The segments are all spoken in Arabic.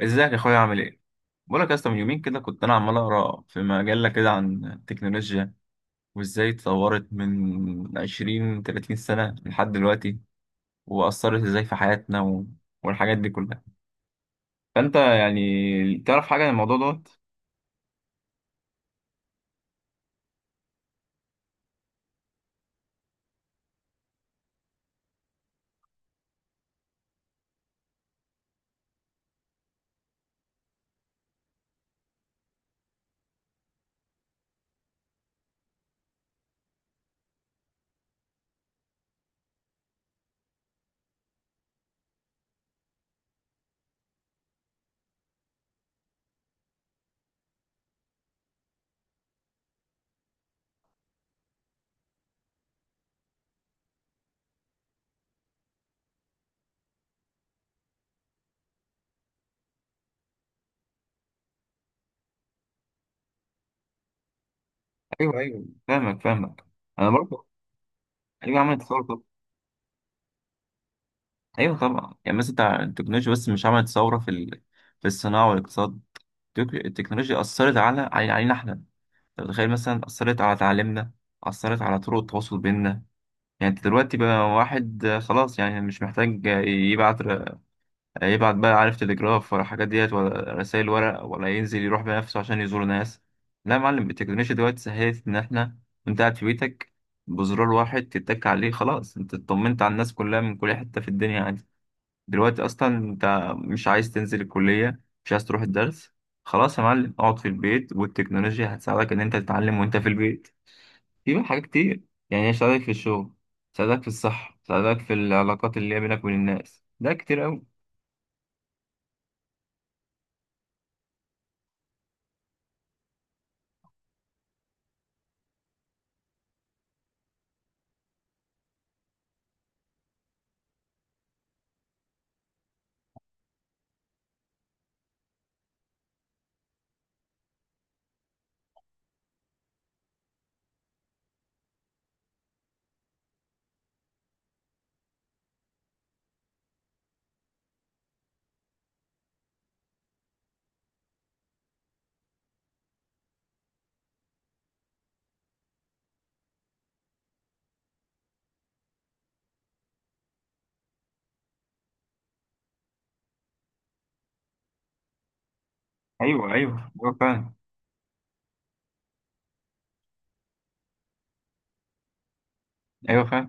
ازيك يا اخويا، عامل ايه؟ بقولك يا اسطى، من يومين كده كنت انا عمال اقرا في مجله كده عن التكنولوجيا، وازاي اتطورت من 20 30 سنه لحد دلوقتي، واثرت ازاي في حياتنا والحاجات دي كلها. فانت يعني تعرف حاجه عن الموضوع دوت؟ ايوه، ايوه، فاهمك فاهمك. انا برضه. ايوه، عملت ثوره طبعا. ايوه طبعا، يعني مثلا بتاع التكنولوجيا، بس مش عملت ثوره في في الصناعه والاقتصاد. التكنولوجيا اثرت على علينا احنا. أنت متخيل، مثلا أثرت على تعليمنا، أثرت على طرق التواصل بيننا. يعني أنت دلوقتي بقى واحد، خلاص يعني مش محتاج يبعت يبعت بقى عارف تليجراف ولا الحاجات ديت ولا رسائل ورق ولا ينزل يروح بنفسه عشان يزور ناس. لا يا معلم، التكنولوجيا دلوقتي سهلت إن إحنا وأنت قاعد في بيتك، بزرار واحد تتك عليه، خلاص أنت اطمنت على الناس كلها من كل حتة في الدنيا عادي. دلوقتي أصلا أنت مش عايز تنزل الكلية، مش عايز تروح الدرس. خلاص يا معلم، اقعد في البيت والتكنولوجيا هتساعدك إن أنت تتعلم وأنت في البيت. في بقى حاجات كتير، يعني هيساعدك في الشغل، هيساعدك في الصحة، هيساعدك في العلاقات اللي هي بينك وبين الناس، ده كتير أوي. أيوه، أيوه، أيوه، فعلا. أيوه، فعلا.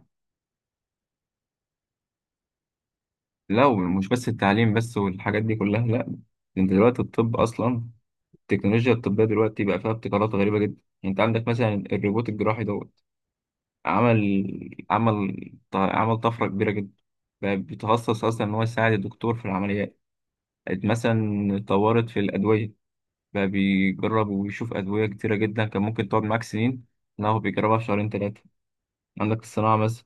لو مش بس التعليم بس والحاجات دي كلها، لأ، ده أنت دلوقتي الطب أصلا، التكنولوجيا الطبية دلوقتي بقى فيها ابتكارات غريبة جدا. يعني أنت عندك مثلا الروبوت الجراحي دوت، عمل عمل عمل طفرة كبيرة جدا. بقى بيتخصص أصلا إن هو يساعد الدكتور في العمليات مثلا. طورت في الأدوية، بقى بيجرب وبيشوف أدوية كتيرة جدا كان ممكن تقعد معاك سنين، لا هو بيجربها في شهرين 3. عندك الصناعة مثلا،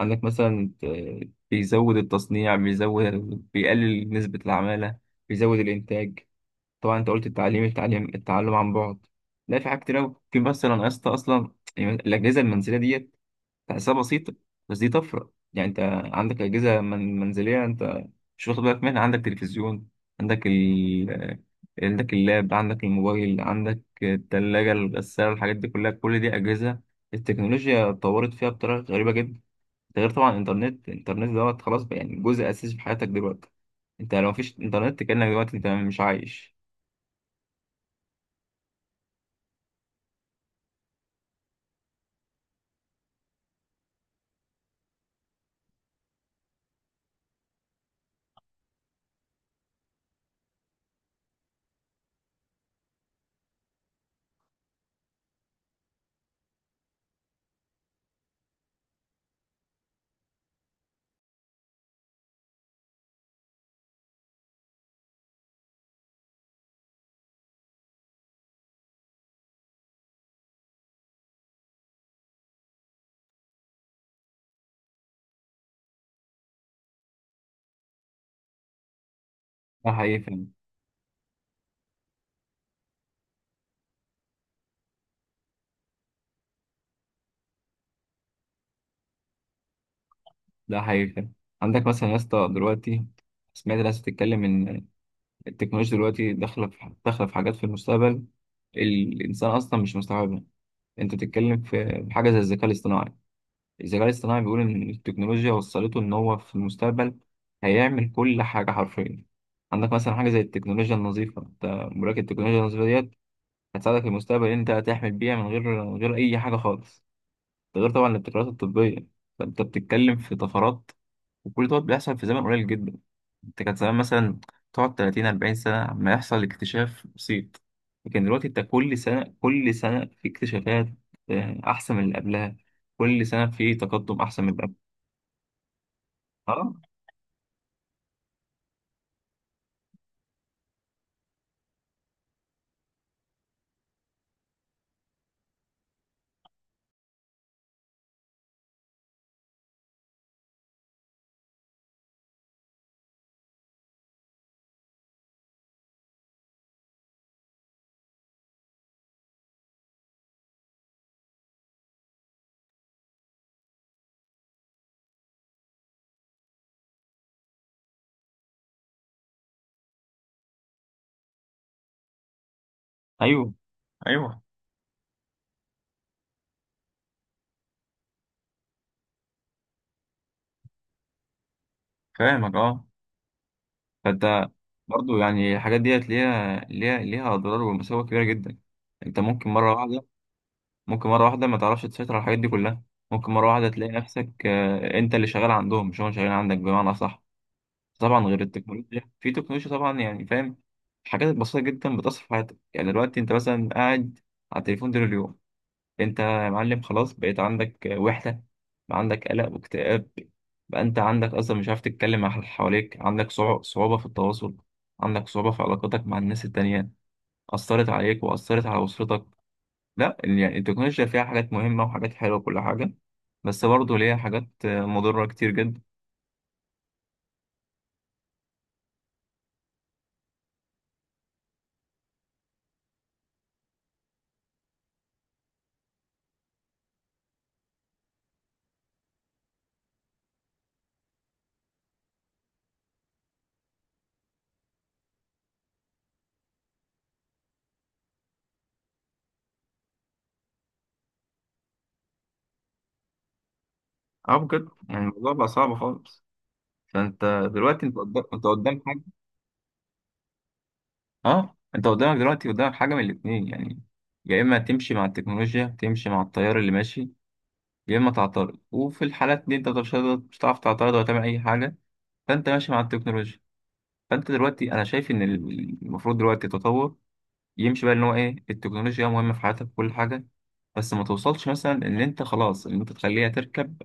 عندك مثلا، بيزود التصنيع، بيقلل نسبة العمالة، بيزود الإنتاج. طبعا أنت قلت التعليم، التعلم عن بعد. لا، في حاجات كتير أوي، في مثلا يا اسطى، أصلا يعني الأجهزة المنزلية ديت تحسها بسيطة، بس دي طفرة. يعني أنت عندك أجهزة من منزلية أنت مش واخد بالك منها، عندك تلفزيون، عندك ال عندك اللاب، عندك الموبايل، عندك التلاجة، الغسالة، الحاجات دي كلها، كل دي أجهزة التكنولوجيا اتطورت فيها بطريقة غريبة جدا. ده غير طبعا الإنترنت دوت، خلاص بقى يعني جزء أساسي في حياتك دلوقتي. أنت لو مفيش إنترنت كأنك دلوقتي أنت مش عايش. ده حقيقي فعلا. ده حقيقي فعلا. عندك مثلا يا اسطى دلوقتي، سمعت ناس بتتكلم إن التكنولوجيا دلوقتي داخله في حاجات في المستقبل الانسان اصلا مش مستوعبها. انت بتتكلم في حاجه زي الذكاء الاصطناعي. الذكاء الاصطناعي بيقول ان التكنولوجيا وصلته ان هو في المستقبل هيعمل كل حاجه حرفيا. عندك مثلا حاجه زي التكنولوجيا النظيفه، انت مراكب التكنولوجيا النظيفه ديت هتساعدك في المستقبل ان انت هتحمل بيها من غير اي حاجه خالص. ده غير طبعا الابتكارات الطبيه. فانت بتتكلم في طفرات، وكل دوت بيحصل في زمن قليل جدا. انت كان زمان مثلا تقعد 30 40 سنة عما يحصل اكتشاف بسيط، لكن دلوقتي انت كل سنة كل سنة في اكتشافات أحسن من اللي قبلها. كل سنة في تقدم أحسن من اللي قبلها. اه. أيوه، أيوه، فاهمك، أه. فأنت برضو يعني الحاجات ديت ليها أضرار ومساوئ كبيرة جدا. انت ممكن مرة واحدة، ممكن مرة واحدة ما تعرفش تسيطر على الحاجات دي كلها. ممكن مرة واحدة تلاقي نفسك، انت اللي شغال عندهم مش هم شغالين عندك بمعنى أصح. طبعا غير التكنولوجيا، في تكنولوجيا طبعا يعني فاهم، حاجات بسيطة جدا بتأثر في حياتك. يعني دلوقتي انت مثلا قاعد على التليفون طول اليوم، انت يا معلم خلاص بقيت عندك وحدة، بقى عندك قلق واكتئاب، بقى انت عندك اصلا مش عارف تتكلم مع اللي حواليك، عندك صعوبة في التواصل، عندك صعوبة في علاقاتك مع الناس التانية، أثرت عليك وأثرت على أسرتك. لا يعني التكنولوجيا فيها حاجات مهمة وحاجات حلوة وكل حاجة، بس برضه ليها حاجات مضرة كتير جدا. اه، بجد يعني الموضوع بقى صعب خالص. فانت دلوقتي انت قدام حاجه. اه، انت قدامك دلوقتي، قدامك حاجه من الاثنين يعني. يا اما تمشي مع التكنولوجيا، تمشي مع التيار اللي ماشي، يا اما تعترض، وفي الحالات دي انت مش هتعرف تعترض ولا تعمل اي حاجه. فانت ماشي مع التكنولوجيا. فانت دلوقتي انا شايف ان المفروض دلوقتي التطور يمشي بقى ان هو ايه، التكنولوجيا مهمه في حياتك كل حاجه، بس ما توصلش مثلا ان انت خلاص ان انت تخليها تركب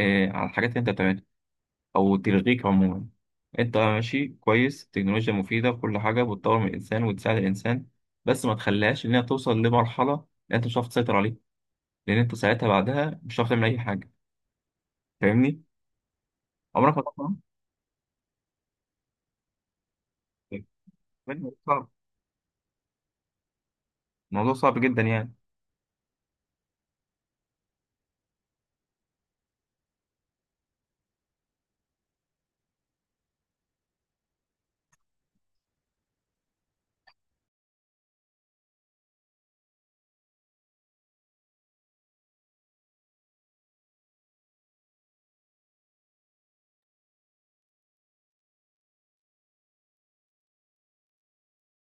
على الحاجات اللي انت بتعملها أو تلغيك عموما. أنت ماشي كويس، التكنولوجيا مفيدة وكل حاجة بتطور من الإنسان وتساعد الإنسان، بس ما تخليهاش إنها توصل لمرحلة إن أنت مش هتعرف تسيطر عليها، لأن أنت ساعتها بعدها مش هتعرف تعمل أي حاجة. فاهمني؟ عمرك ما طبعا. صعب. الموضوع صعب جدا يعني.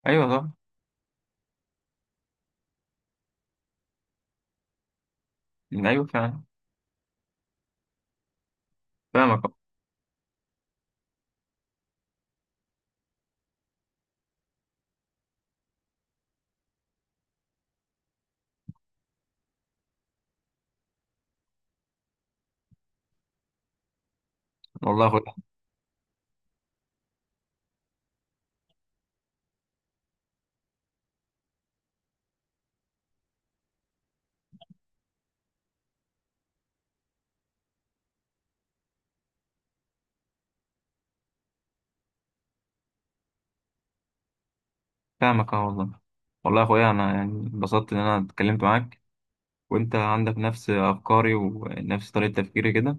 أيوه طبعا. أيوه فعلا. فاهمك والله يا أخويا. فاهمك أه والله. والله يا أخويا، أنا يعني اتبسطت إن أنا اتكلمت معاك، وأنت عندك نفس أفكاري ونفس طريقة تفكيري كده.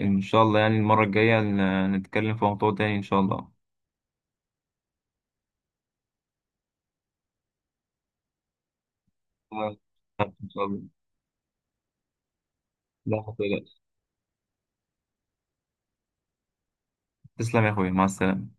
إن شاء الله يعني المرة الجاية نتكلم في موضوع تاني. إن شاء الله. إن شاء الله. لا، ما تقلقش. تسلم يا أخويا، مع السلامة.